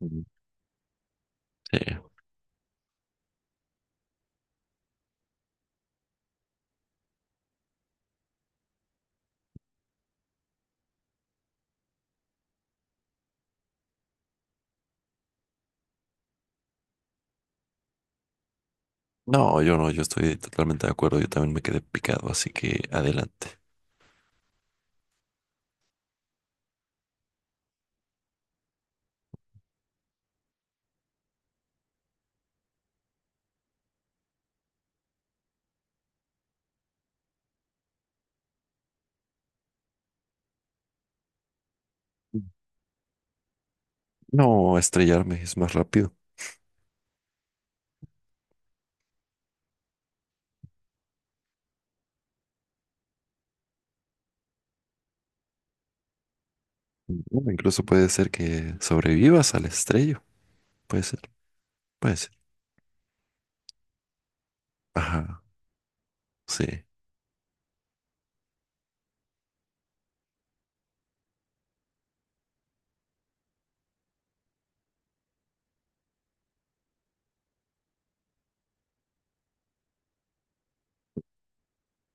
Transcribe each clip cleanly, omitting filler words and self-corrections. Mm, sí. No, yo estoy totalmente de acuerdo. Yo también me quedé picado, así que adelante. No, estrellarme es más rápido. Bueno, incluso puede ser que sobrevivas al estrello. Puede ser, puede ser. Ajá, sí.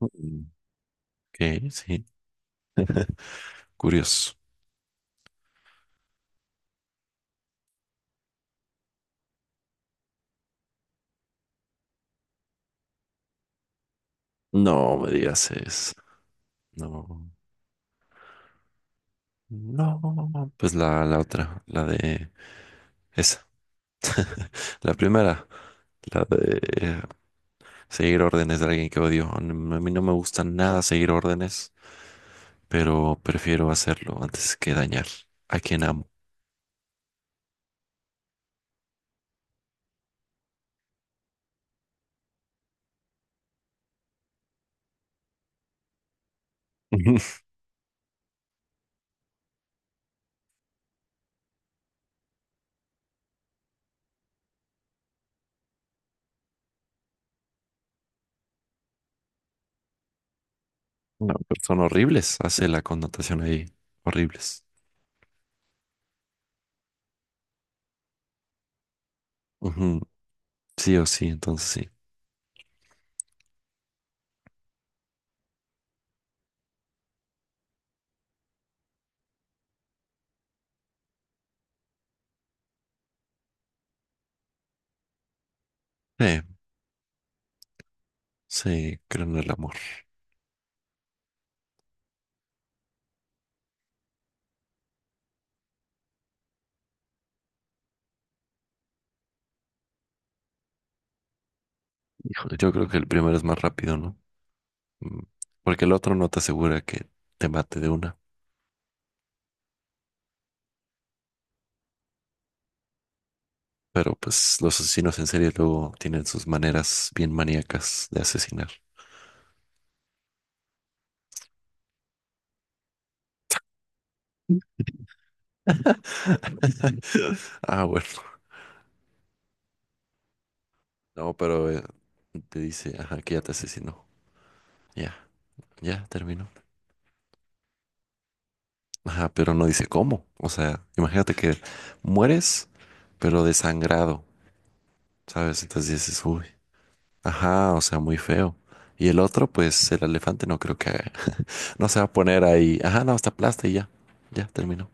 Mm, ok, sí. Curioso. No me digas eso. No. No. Pues la otra, la de esa. La primera, la de seguir órdenes de alguien que odio. A mí no me gusta nada seguir órdenes, pero prefiero hacerlo antes que dañar a quien amo. Ujú. No, pero son horribles, hace la connotación ahí, horribles. Ujú, sí o sí, entonces sí. Sí, sí, creo en el amor. Híjole, yo creo que el primero es más rápido, ¿no? Mm, porque el otro no te asegura que te mate de una. Pero pues los asesinos en serie luego tienen sus maneras bien maníacas de asesinar. Ah, bueno. No, pero te dice, ajá, que ya te asesinó. Ya, ya terminó. Ajá, pero no dice cómo. O sea, imagínate que mueres, pero desangrado, ¿sabes? Entonces dices, uy, ajá, o sea, muy feo. Y el otro, pues el elefante no creo que haga- no se va a poner ahí, ajá, no, hasta aplasta y ya, ya terminó.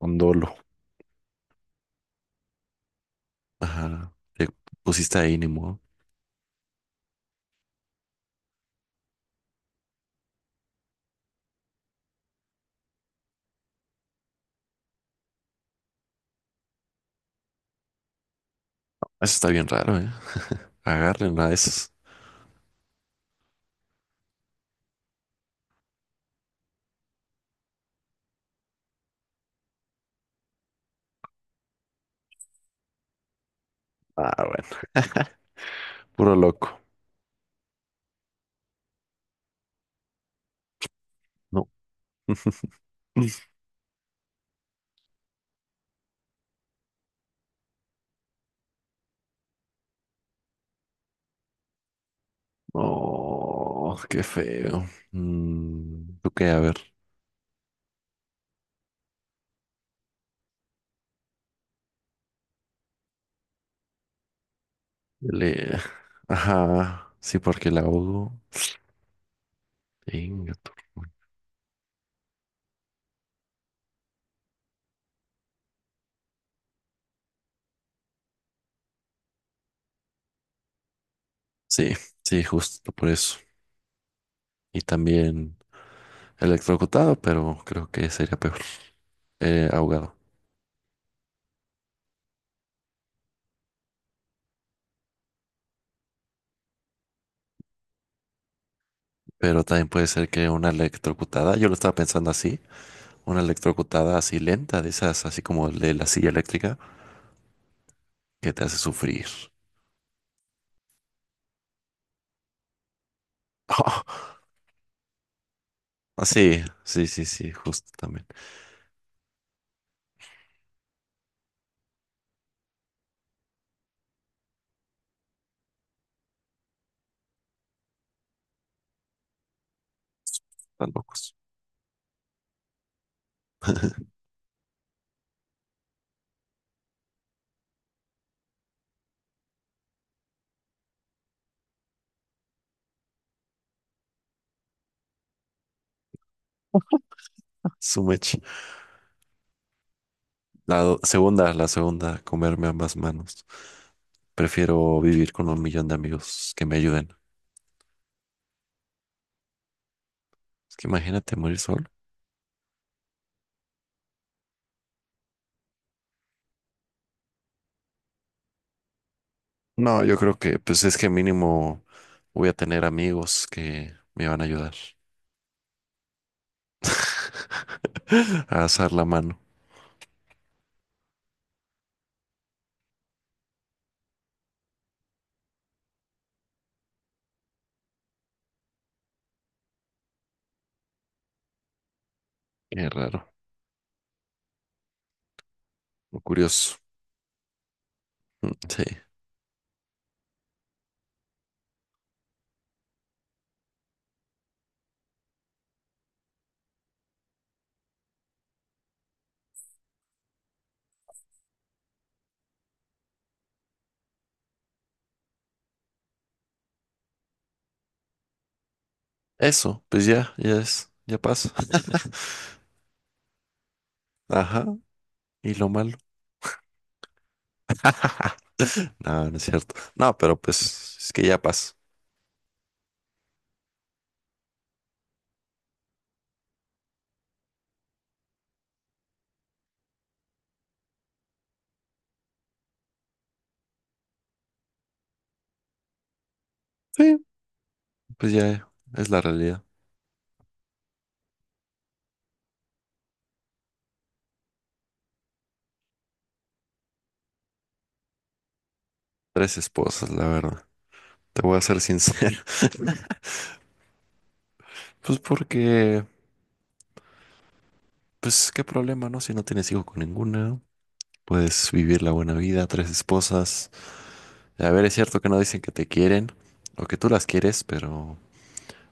Con dolo. Ajá, te pusiste ahí, ni modo. Eso está bien raro, ¿eh? Agarren a esos. Ah, bueno, puro loco. No. No, qué feo. Mm, ¿tú qué? A ver. Le... Ajá, sí, porque la ahogo. Venga, tu- Sí, sí, justo por eso. Y también electrocutado, pero creo que sería peor. Ahogado. Pero también puede ser que una electrocutada, yo lo estaba pensando así, una electrocutada así lenta, de esas, así como el de la silla eléctrica, que te hace sufrir. Ah, sí, sí, sí, sí, justo también. Están locos. Su la do- segunda, la segunda, comerme ambas manos. Prefiero vivir con un millón de amigos que me ayuden. Es que imagínate morir solo. No, yo creo que, pues es que mínimo voy a tener amigos que me van a ayudar a asar la mano. Qué raro, o curioso. Mm, sí. Eso, pues ya, ya es, ya pasa. Ajá. Y lo malo. No, no es cierto. No, pero pues es que ya pasa. Sí, pues ya es la realidad. Tres esposas, la verdad. Te voy a ser sincero. Pues porque, pues qué problema, ¿no? Si no tienes hijos con ninguna, puedes vivir la buena vida, tres esposas. A ver, es cierto que no dicen que te quieren o que tú las quieres,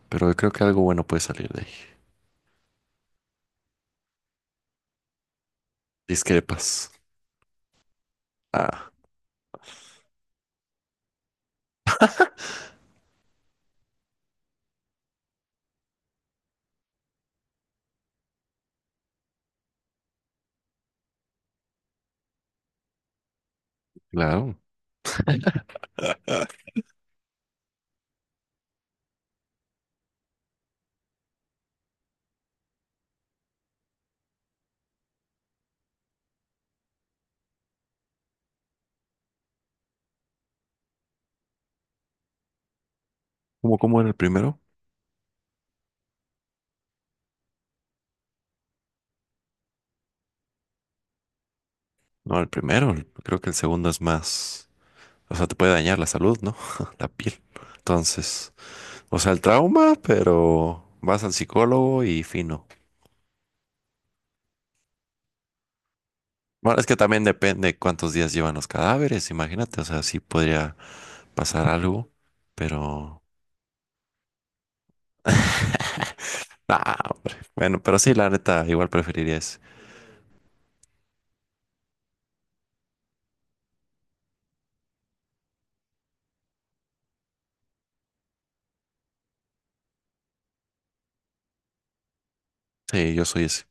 pero creo que algo bueno puede salir de ahí. Discrepas. Ah, claro. Ah, ¿cómo, cómo era el primero? No, el primero. El- creo que el segundo es más. O sea, te puede dañar la salud, ¿no? La piel. Entonces, o sea, el trauma, pero vas al psicólogo y fino. Bueno, es que también depende cuántos días llevan los cadáveres, imagínate, o sea, sí podría pasar algo, pero... Ah, hombre. Bueno, pero sí, la neta, igual preferiría ese. Sí, yo soy ese.